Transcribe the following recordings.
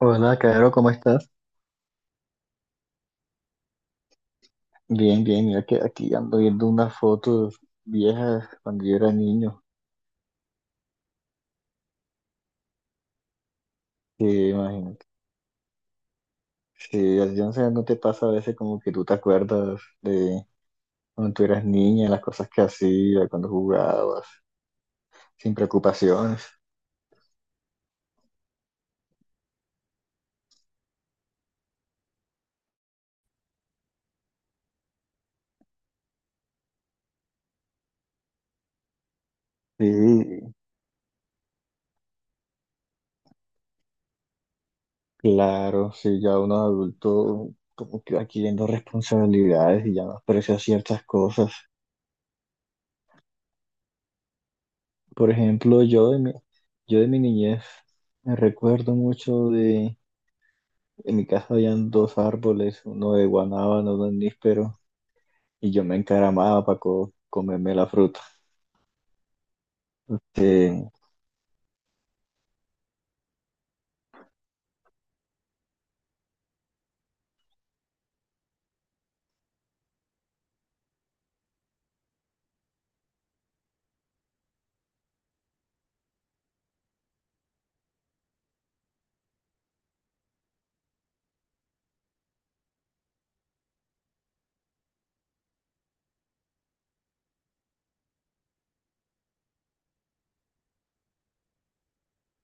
Hola, Caro, ¿cómo estás? Bien, bien, mira que aquí ando viendo unas fotos viejas cuando yo era niño. Que imagínate. Sí, así, no sé, no te pasa a veces como que tú te acuerdas de cuando tú eras niña, las cosas que hacías, cuando jugabas, sin preocupaciones. Sí, claro, sí, ya uno adulto como que va adquiriendo responsabilidades y ya no aprecia ciertas cosas. Por ejemplo, yo de mi niñez me recuerdo mucho de en mi casa habían dos árboles, uno de guanábano, uno de níspero, y yo me encaramaba para comerme la fruta. Eh,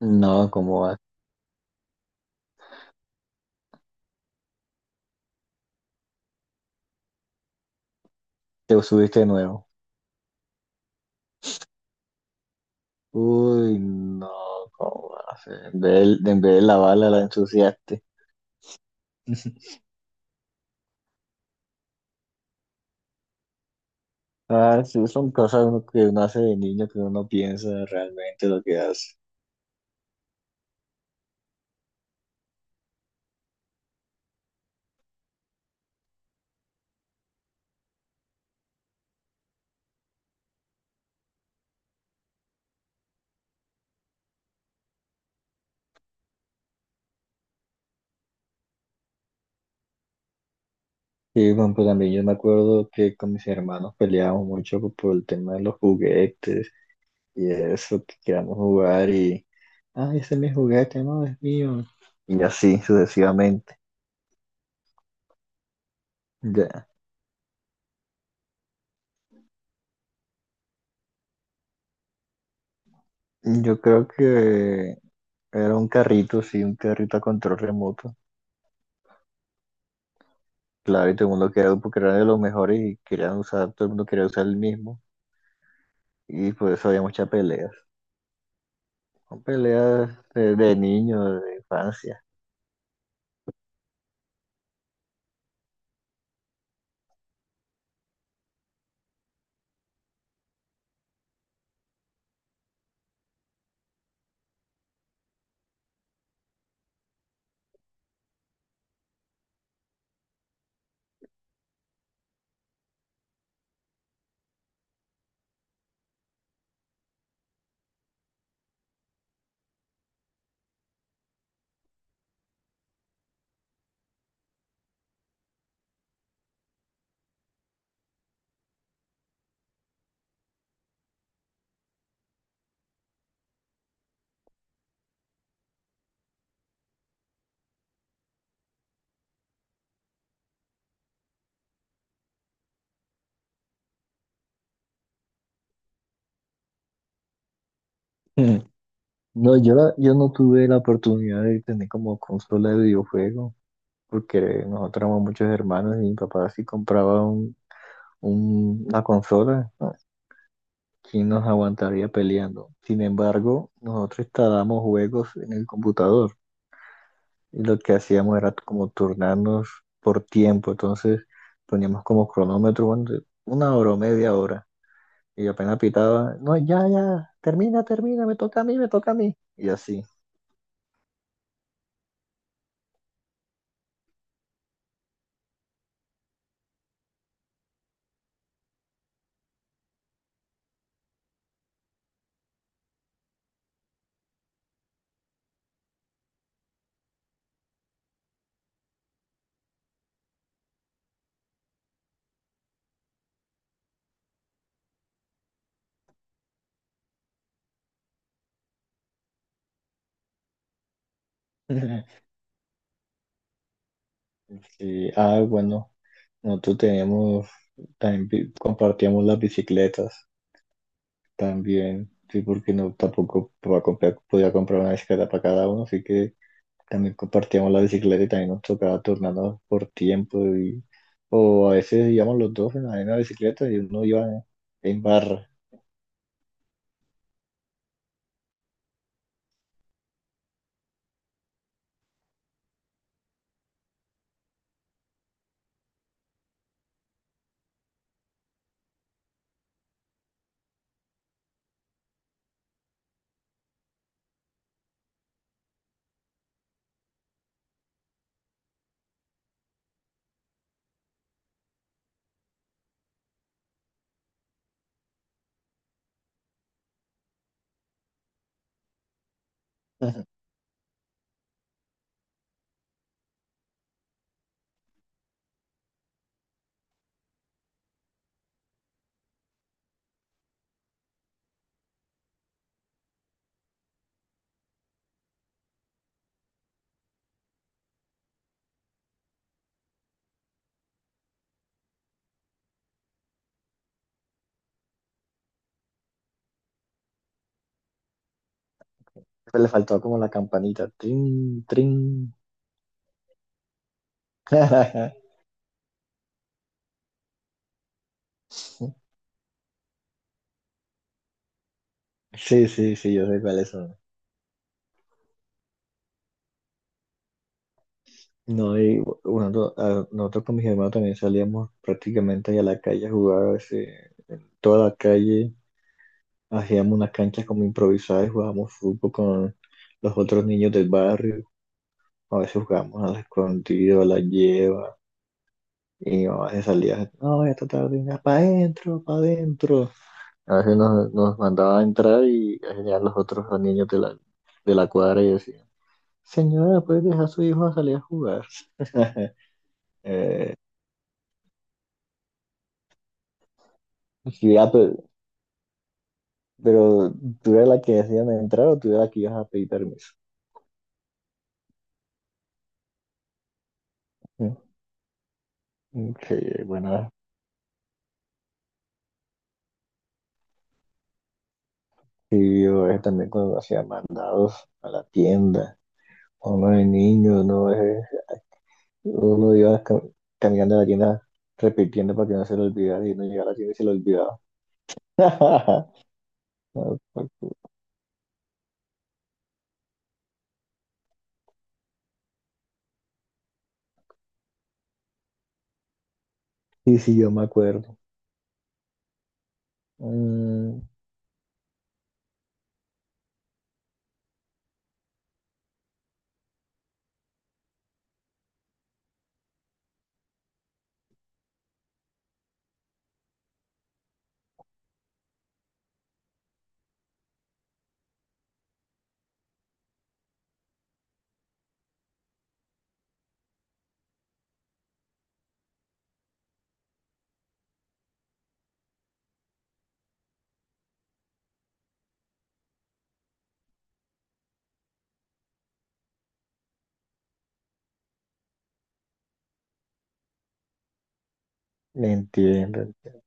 no, ¿cómo va? Te subiste de nuevo. Uy, no, ¿cómo va a ser? En vez de lavarla, la ensuciaste. Ah, sí, son que uno hace de niño que uno no piensa realmente lo que hace. Sí, bueno, pues también yo me acuerdo que con mis hermanos peleábamos mucho por el tema de los juguetes. Y eso, que queramos jugar y, ah, ese es mi juguete, no, es mío. Y así sucesivamente. Ya. Yo creo que era un carrito, sí, un carrito a control remoto. Claro, y todo el mundo quería, porque era de los mejores y querían usar, todo el mundo quería usar el mismo. Y por eso había muchas peleas. Son peleas de niños, de infancia. Mm. No, yo, yo no tuve la oportunidad de tener como consola de videojuego, porque nosotros éramos muchos hermanos y mi papá sí compraba una consola, ¿no? ¿Quién nos aguantaría peleando? Sin embargo, nosotros instalábamos juegos en el computador y lo que hacíamos era como turnarnos por tiempo. Entonces poníamos como cronómetro, bueno, de una hora o media hora. Y apenas pitaba, no, ya, ya, termina, termina, me toca a mí, me toca a mí. Y así. Sí, ah, bueno, nosotros teníamos, también compartíamos las bicicletas. También, sí, porque no tampoco podía comprar, podía comprar una bicicleta para cada uno, así que también compartíamos la bicicleta y también nos tocaba turnarnos por tiempo y, o a veces íbamos los dos en la misma bicicleta y uno iba en barra. Pues le faltaba como la campanita, trin, trin. Sí, sí, sí, yo sé cuáles son. No, y bueno, nosotros con mis hermanos también salíamos prácticamente ahí a la calle a jugar, a toda la calle. Hacíamos una cancha como improvisada y jugábamos fútbol con los otros niños del barrio. A veces jugábamos al escondido, a la lleva. Y mi mamá se salía, no, esta tarde, venga, para adentro, para adentro. A veces nos mandaba a entrar y a los otros niños de la cuadra y decían, señora, ¿puede dejar a su hijo a salir a jugar? Eh, sí, ah, pero tú eras la que decían entrar o tú eras la que ibas a pedir permiso. Mm, ok, bueno, sí, yo también cuando hacía mandados a la tienda, uno de niño, uno, es uno iba caminando a la tienda repitiendo para que no se lo olvidara y no llegaba a la tienda y se lo olvidaba. Y sí, yo me acuerdo. Mm, entiendo. Entiendo.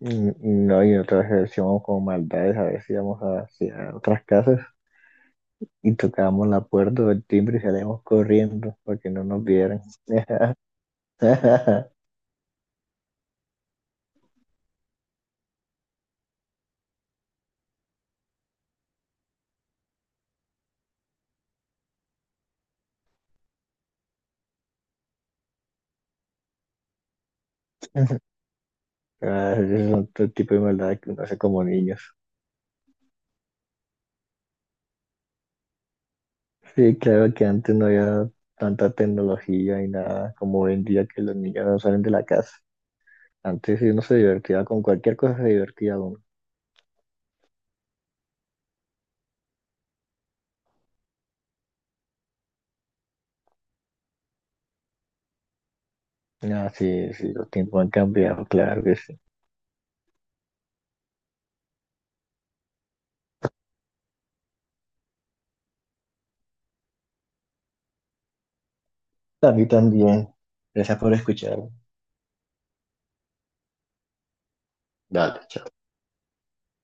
Mm, no, y otra vez hacíamos como maldades, a veces íbamos hacia otras casas y tocábamos la puerta o el timbre y salíamos corriendo para que no nos vieran. Ah, ese es otro tipo de maldad que uno hace como niños. Sí, claro que antes no había tanta tecnología y nada como hoy en día que los niños no salen de la casa. Antes sí uno se divertía con cualquier cosa, se divertía uno. Ah, sí, sí, los tiempos han cambiado, claro que sí. A mí también. Gracias por escuchar. Dale, chao.